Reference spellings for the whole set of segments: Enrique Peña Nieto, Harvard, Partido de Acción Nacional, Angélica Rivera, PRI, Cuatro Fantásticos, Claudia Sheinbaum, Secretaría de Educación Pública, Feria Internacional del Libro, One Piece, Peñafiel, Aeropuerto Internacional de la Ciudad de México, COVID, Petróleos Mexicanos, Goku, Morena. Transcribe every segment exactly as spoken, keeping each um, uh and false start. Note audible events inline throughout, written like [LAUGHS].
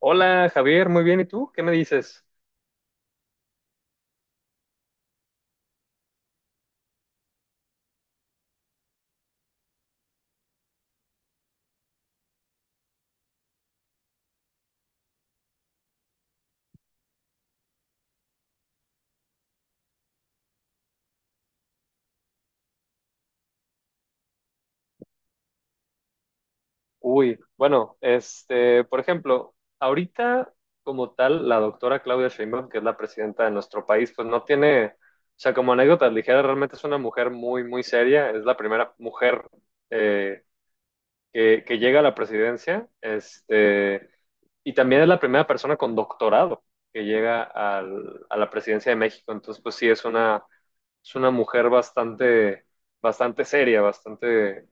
Hola Javier, muy bien. ¿Y tú? ¿Qué me dices? Uy, bueno, este, por ejemplo, ahorita como tal, la doctora Claudia Sheinbaum, que es la presidenta de nuestro país, pues no tiene, o sea, como anécdotas ligeras, realmente es una mujer muy, muy seria. Es la primera mujer eh, que, que llega a la presidencia, este, y también es la primera persona con doctorado que llega al- a la presidencia de México. Entonces, pues sí, es una, es una mujer bastante bastante seria, bastante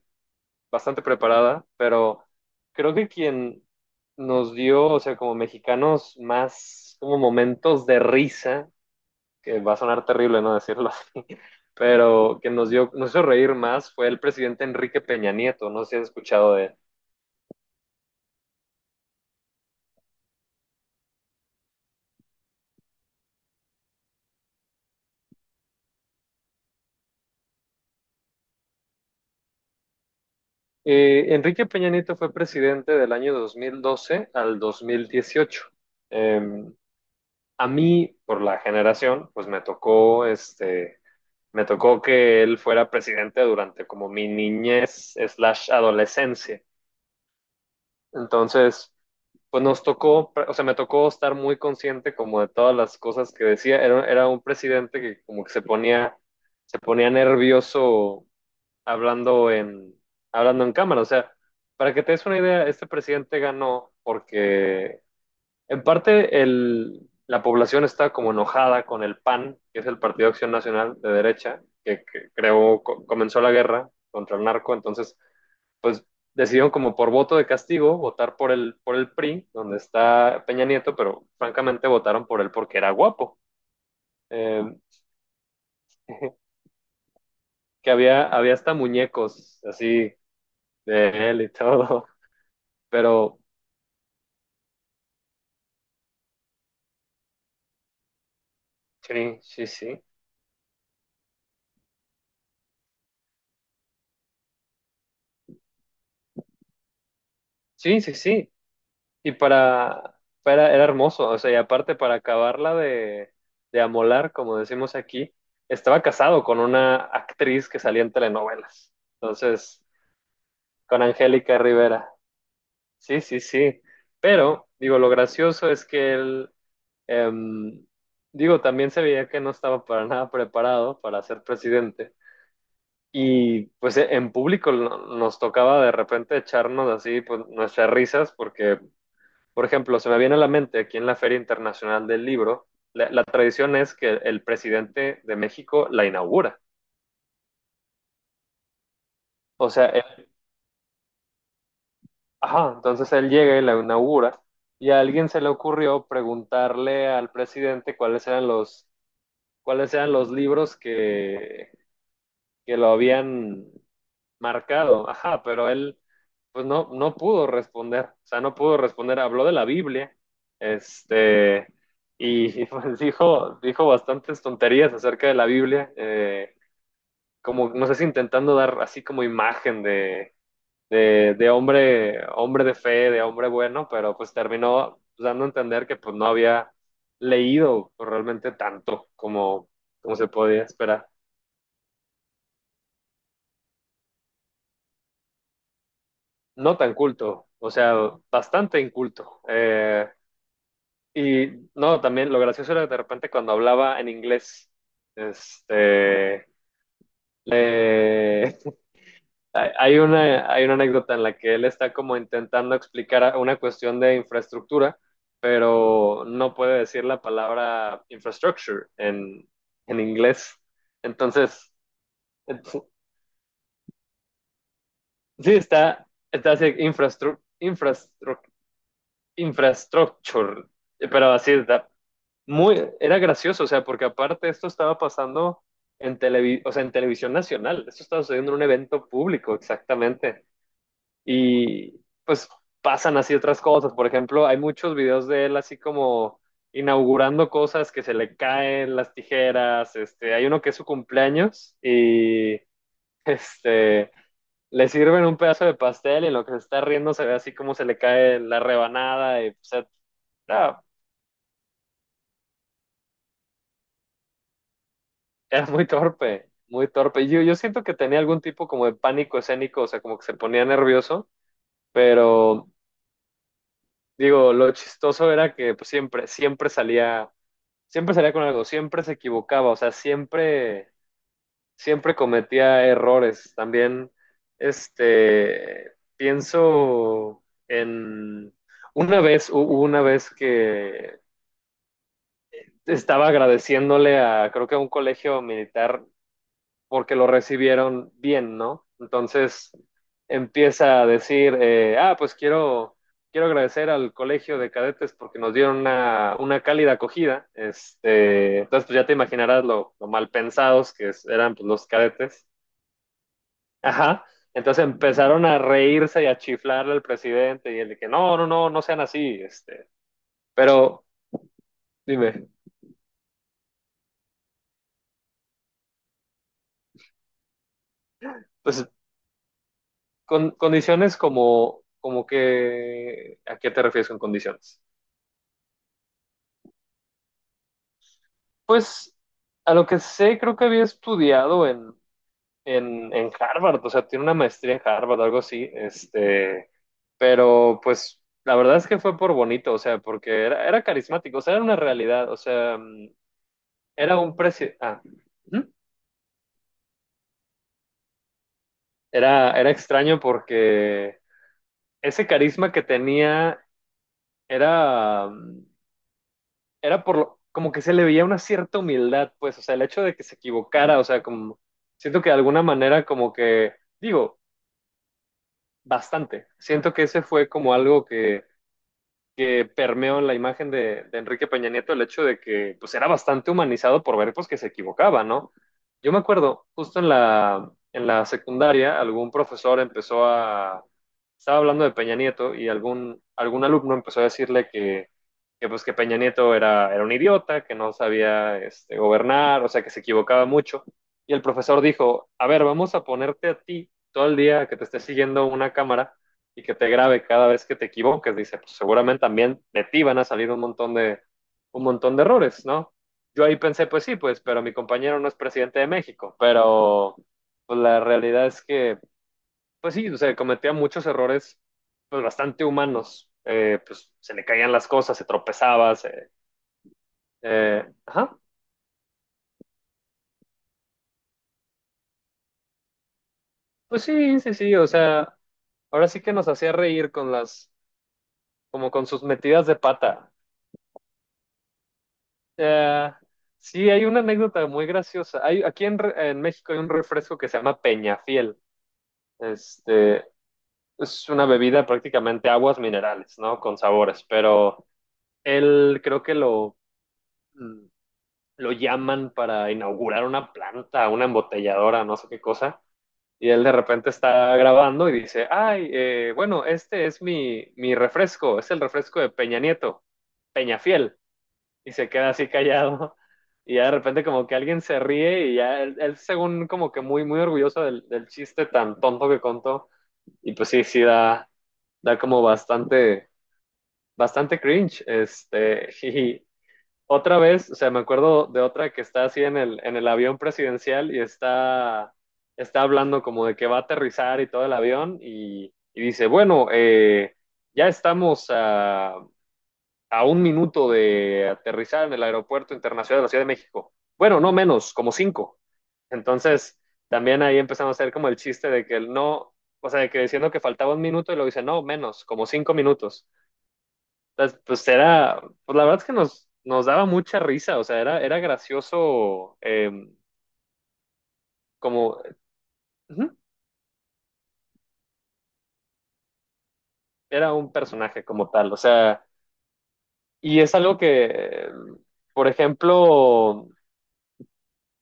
bastante preparada, pero creo que quien nos dio, o sea, como mexicanos, más como momentos de risa, que va a sonar terrible no decirlo así, [LAUGHS] pero que nos dio, nos hizo reír más fue el presidente Enrique Peña Nieto, no sé si has escuchado de él. Eh, Enrique Peña Nieto fue presidente del año dos mil doce al dos mil dieciocho. Eh, a mí, por la generación, pues me tocó este. Me tocó que él fuera presidente durante como mi niñez slash adolescencia. Entonces, pues nos tocó, o sea, me tocó estar muy consciente como de todas las cosas que decía. Era, era un presidente que como que se ponía, se ponía nervioso hablando en, hablando en cámara. O sea, para que te des una idea, este presidente ganó porque en parte, el, la población está como enojada con el P A N, que es el Partido de Acción Nacional de derecha, que, que creó, comenzó la guerra contra el narco, entonces, pues decidieron como por voto de castigo votar por el, por el P R I, donde está Peña Nieto, pero francamente votaron por él porque era guapo. Eh, [LAUGHS] que había, había hasta muñecos así de él y todo, [LAUGHS] pero sí, sí, sí, sí, sí, sí. Y para, para, era hermoso, o sea, y aparte para acabarla de, de amolar, como decimos aquí, estaba casado con una actriz que salía en telenovelas. Entonces, con Angélica Rivera. Sí, sí, sí. Pero, digo, lo gracioso es que él, em, digo, también se veía que no estaba para nada preparado para ser presidente. Y pues e- en público no- nos tocaba de repente echarnos así pues, nuestras risas porque por ejemplo, se me viene a la mente aquí en la Feria Internacional del Libro, la, la tradición es que el presidente de México la inaugura. O sea, él- ajá, entonces él llega y la inaugura y a alguien se le ocurrió preguntarle al presidente cuáles eran los, cuáles eran los libros que, que lo habían marcado, ajá, pero él pues no, no pudo responder, o sea, no pudo responder, habló de la Biblia, este, y, y, pues dijo, dijo bastantes tonterías acerca de la Biblia, eh, como, no sé si intentando dar así como imagen de, de, de hombre, hombre de fe, de hombre bueno, pero pues terminó dando a entender que pues no había leído pues, realmente tanto como, como se podía esperar. No tan culto, o sea, bastante inculto. Eh, Y no, también lo gracioso era de repente cuando hablaba en inglés, este, le- [LAUGHS] hay hay una, hay una anécdota en la que él está como intentando explicar a- una cuestión de infraestructura, pero no puede decir la palabra infrastructure en, en inglés. Entonces, ent- sí, está, está así, infrastructure, infrastructure, pero así está. Muy, era gracioso, o sea, porque aparte esto estaba pasando en televi- o sea, en televisión nacional, esto estaba sucediendo en un evento público, exactamente. Y pues pasan así otras cosas, por ejemplo, hay muchos videos de él así como inaugurando cosas que se le caen las tijeras, este, hay uno que es su cumpleaños y este le sirven un pedazo de pastel y en lo que se está riendo se ve así como se le cae la rebanada y o sea, no. Era muy torpe, muy torpe. Yo, yo siento que tenía algún tipo como de pánico escénico, o sea, como que se ponía nervioso, pero digo, lo chistoso era que pues, siempre, siempre salía, siempre salía con algo, siempre se equivocaba, o sea, siempre, siempre cometía errores. También, este, pienso en una vez, hu- hubo una vez que estaba agradeciéndole a, creo que a un colegio militar, porque lo recibieron bien, ¿no? Entonces empieza a decir, eh, ah, pues quiero, quiero agradecer al colegio de cadetes porque nos dieron una, una cálida acogida. Este, entonces, pues ya te imaginarás lo, lo mal pensados que es- eran pues, los cadetes. Ajá. Entonces empezaron a reírse y a chiflarle al presidente y el de que no, no, no, no sean así. Este, pero dime, pues con condiciones como, como que, ¿a qué te refieres con condiciones? Pues a lo que sé, creo que había estudiado en, en, en Harvard, o sea, tiene una maestría en Harvard, algo así, este, pero pues la verdad es que fue por bonito, o sea, porque era, era carismático, o sea, era una realidad, o sea, mm, era un precio, ah, ujú. Era, era extraño porque ese carisma que tenía era, mm, era por lo, como que se le veía una cierta humildad, pues, o sea, el hecho de que se equivocara, o sea, como, siento que de alguna manera como que... Digo, bastante. Siento que ese fue como algo que, que permeó en la imagen de, de Enrique Peña Nieto, el hecho de que pues era bastante humanizado por ver pues que se equivocaba, ¿no? Yo me acuerdo, justo en la, en la secundaria, algún profesor empezó a, estaba hablando de Peña Nieto y algún, algún alumno empezó a decirle que, que, pues que Peña Nieto era, era un idiota, que no sabía este, gobernar, o sea, que se equivocaba mucho. Y el profesor dijo, a ver, vamos a ponerte a ti todo el día que te esté siguiendo una cámara y que te grabe cada vez que te equivoques, dice, pues seguramente también de ti van a salir un montón de, un montón de errores, ¿no? Yo ahí pensé, pues sí, pues, pero mi compañero no es presidente de México, pero pues la realidad es que, pues sí, o sea, cometía muchos errores, pues bastante humanos, eh, pues se le caían las cosas, se tropezaba, se, eh, ajá, pues sí, sí, sí, o sea, ahora sí que nos hacía reír con las, como con sus metidas de pata. Eh, sí, hay una anécdota muy graciosa. Hay, aquí en, Re- en México hay un refresco que se llama Peñafiel. Este, es una bebida prácticamente aguas minerales, ¿no? Con sabores, pero él creo que lo, mm, lo llaman para inaugurar una planta, una embotelladora, no sé qué cosa. Y él de repente está grabando y dice, ay, eh, bueno, este es mi, mi refresco, es el refresco de Peña Nieto, Peñafiel. Y se queda así callado. [LAUGHS] Y ya de repente como que alguien se ríe y ya él, él según como que muy, muy orgulloso del, del chiste tan tonto que contó. Y pues sí, sí da, da como bastante, bastante cringe. Este, [LAUGHS] y otra vez, o sea, me acuerdo de otra que está así en el, en el avión presidencial y está, está hablando como de que va a aterrizar y todo el avión y, y dice, bueno, eh, ya estamos a a un minuto de aterrizar en el Aeropuerto Internacional de la Ciudad de México. Bueno, no menos, como cinco. Entonces, también ahí empezamos a hacer como el chiste de que el no, o sea, de que diciendo que faltaba un minuto y luego dice, no, menos, como cinco minutos. Entonces, pues era, pues la verdad es que nos, nos daba mucha risa, o sea, era, era gracioso eh, como, ujú, era un personaje como tal, o sea, y es algo que, eh, por ejemplo,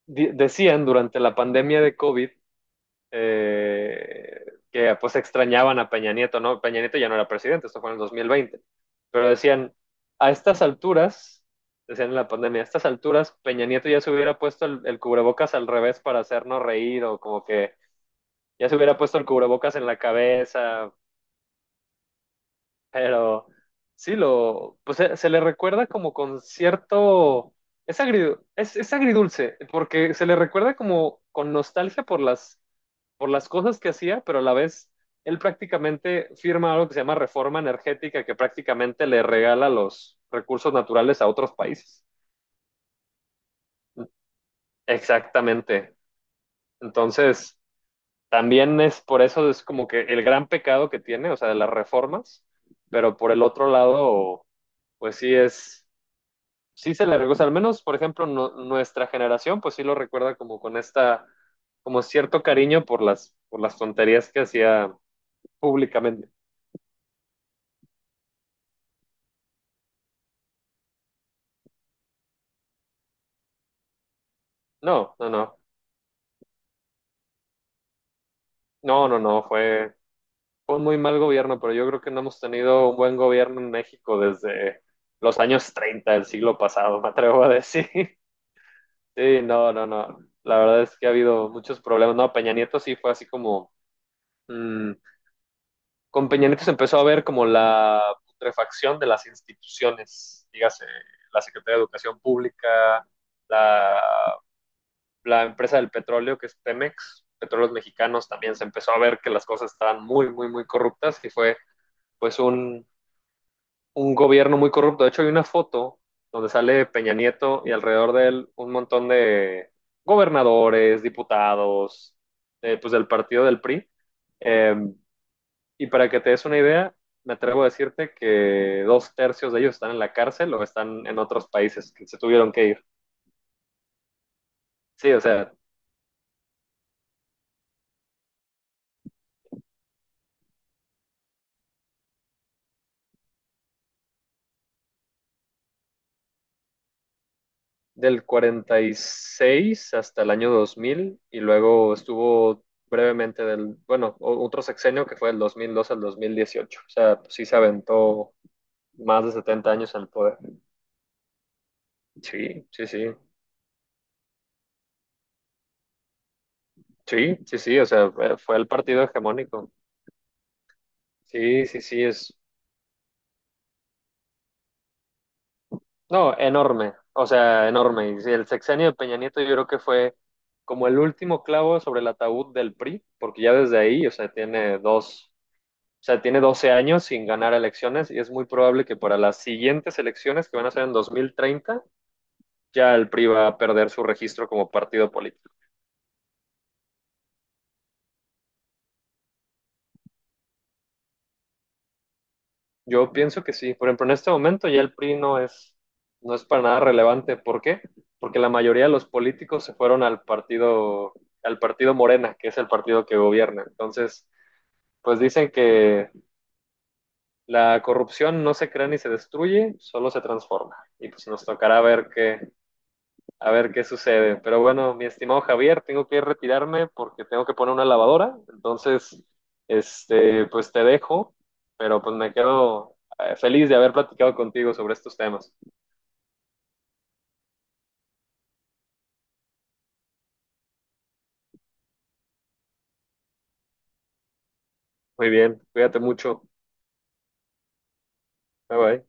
di- decían durante la pandemia de COVID, eh, que pues extrañaban a Peña Nieto, ¿no? Peña Nieto ya no era presidente, esto fue en el dos mil veinte, pero decían, a estas alturas, decían en la pandemia, a estas alturas Peña Nieto ya se hubiera puesto el, el cubrebocas al revés para hacernos reír o como que ya se hubiera puesto el cubrebocas en la cabeza, pero sí, lo, pues se, se le recuerda como con cierto... Es, agridu es, es agridulce, porque se le recuerda como con nostalgia por las por las cosas que hacía, pero a la vez él prácticamente firma algo que se llama reforma energética, que prácticamente le regala los recursos naturales a otros países. Exactamente. Entonces, también es por eso es como que el gran pecado que tiene, o sea, de las reformas, pero por el otro lado, pues sí es, sí se le recuerda, al menos, por ejemplo, no- nuestra generación, pues sí lo recuerda como con esta, como cierto cariño por las, por las tonterías que hacía públicamente. No, no, no, no, no, no, fue, fue un muy mal gobierno, pero yo creo que no hemos tenido un buen gobierno en México desde los años treinta del siglo pasado, [LAUGHS] me atrevo a decir. [LAUGHS] Sí, no, no, no. La verdad es que ha habido muchos problemas. No, Peña Nieto sí fue así como... mm, con Peña Nieto se empezó a ver como la putrefacción de las instituciones, dígase, la Secretaría de Educación Pública, la, la empresa del petróleo, que es Pemex, Petróleos Mexicanos, también se empezó a ver que las cosas estaban muy, muy, muy corruptas y fue pues un, un gobierno muy corrupto. De hecho, hay una foto donde sale Peña Nieto y alrededor de él un montón de gobernadores, diputados, eh, pues del partido del P R I. Eh, y para que te des una idea, me atrevo a decirte que dos tercios de ellos están en la cárcel o están en otros países que se tuvieron que ir. Sí, o sea, del cuarenta y seis hasta el año dos mil y luego estuvo brevemente del, bueno, o- otro sexenio que fue del dos mil dos al dos mil dieciocho. O sea, pues sí se aventó más de setenta años en el poder. Sí, sí, sí, sí, sí, sí, o sea, fue fue el partido hegemónico. Sí, sí, sí, es, no, enorme, o sea, enorme. Y sí, el sexenio de Peña Nieto yo creo que fue como el último clavo sobre el ataúd del P R I, porque ya desde ahí, o sea, tiene dos o sea, tiene doce años sin ganar elecciones y es muy probable que para las siguientes elecciones que van a ser en dos mil treinta ya el P R I va a perder su registro como partido político. Yo pienso que sí. Por ejemplo, en este momento ya el P R I no es, no es para nada relevante. ¿Por qué? Porque la mayoría de los políticos se fueron al partido, al partido Morena, que es el partido que gobierna. Entonces, pues dicen que la corrupción no se crea ni se destruye, solo se transforma. Y pues nos tocará ver qué, a ver qué sucede. Pero bueno, mi estimado Javier, tengo que retirarme porque tengo que poner una lavadora. Entonces, este, pues te dejo, pero pues me quedo eh, feliz de haber platicado contigo sobre estos temas. Muy bien, cuídate mucho. Bye bye.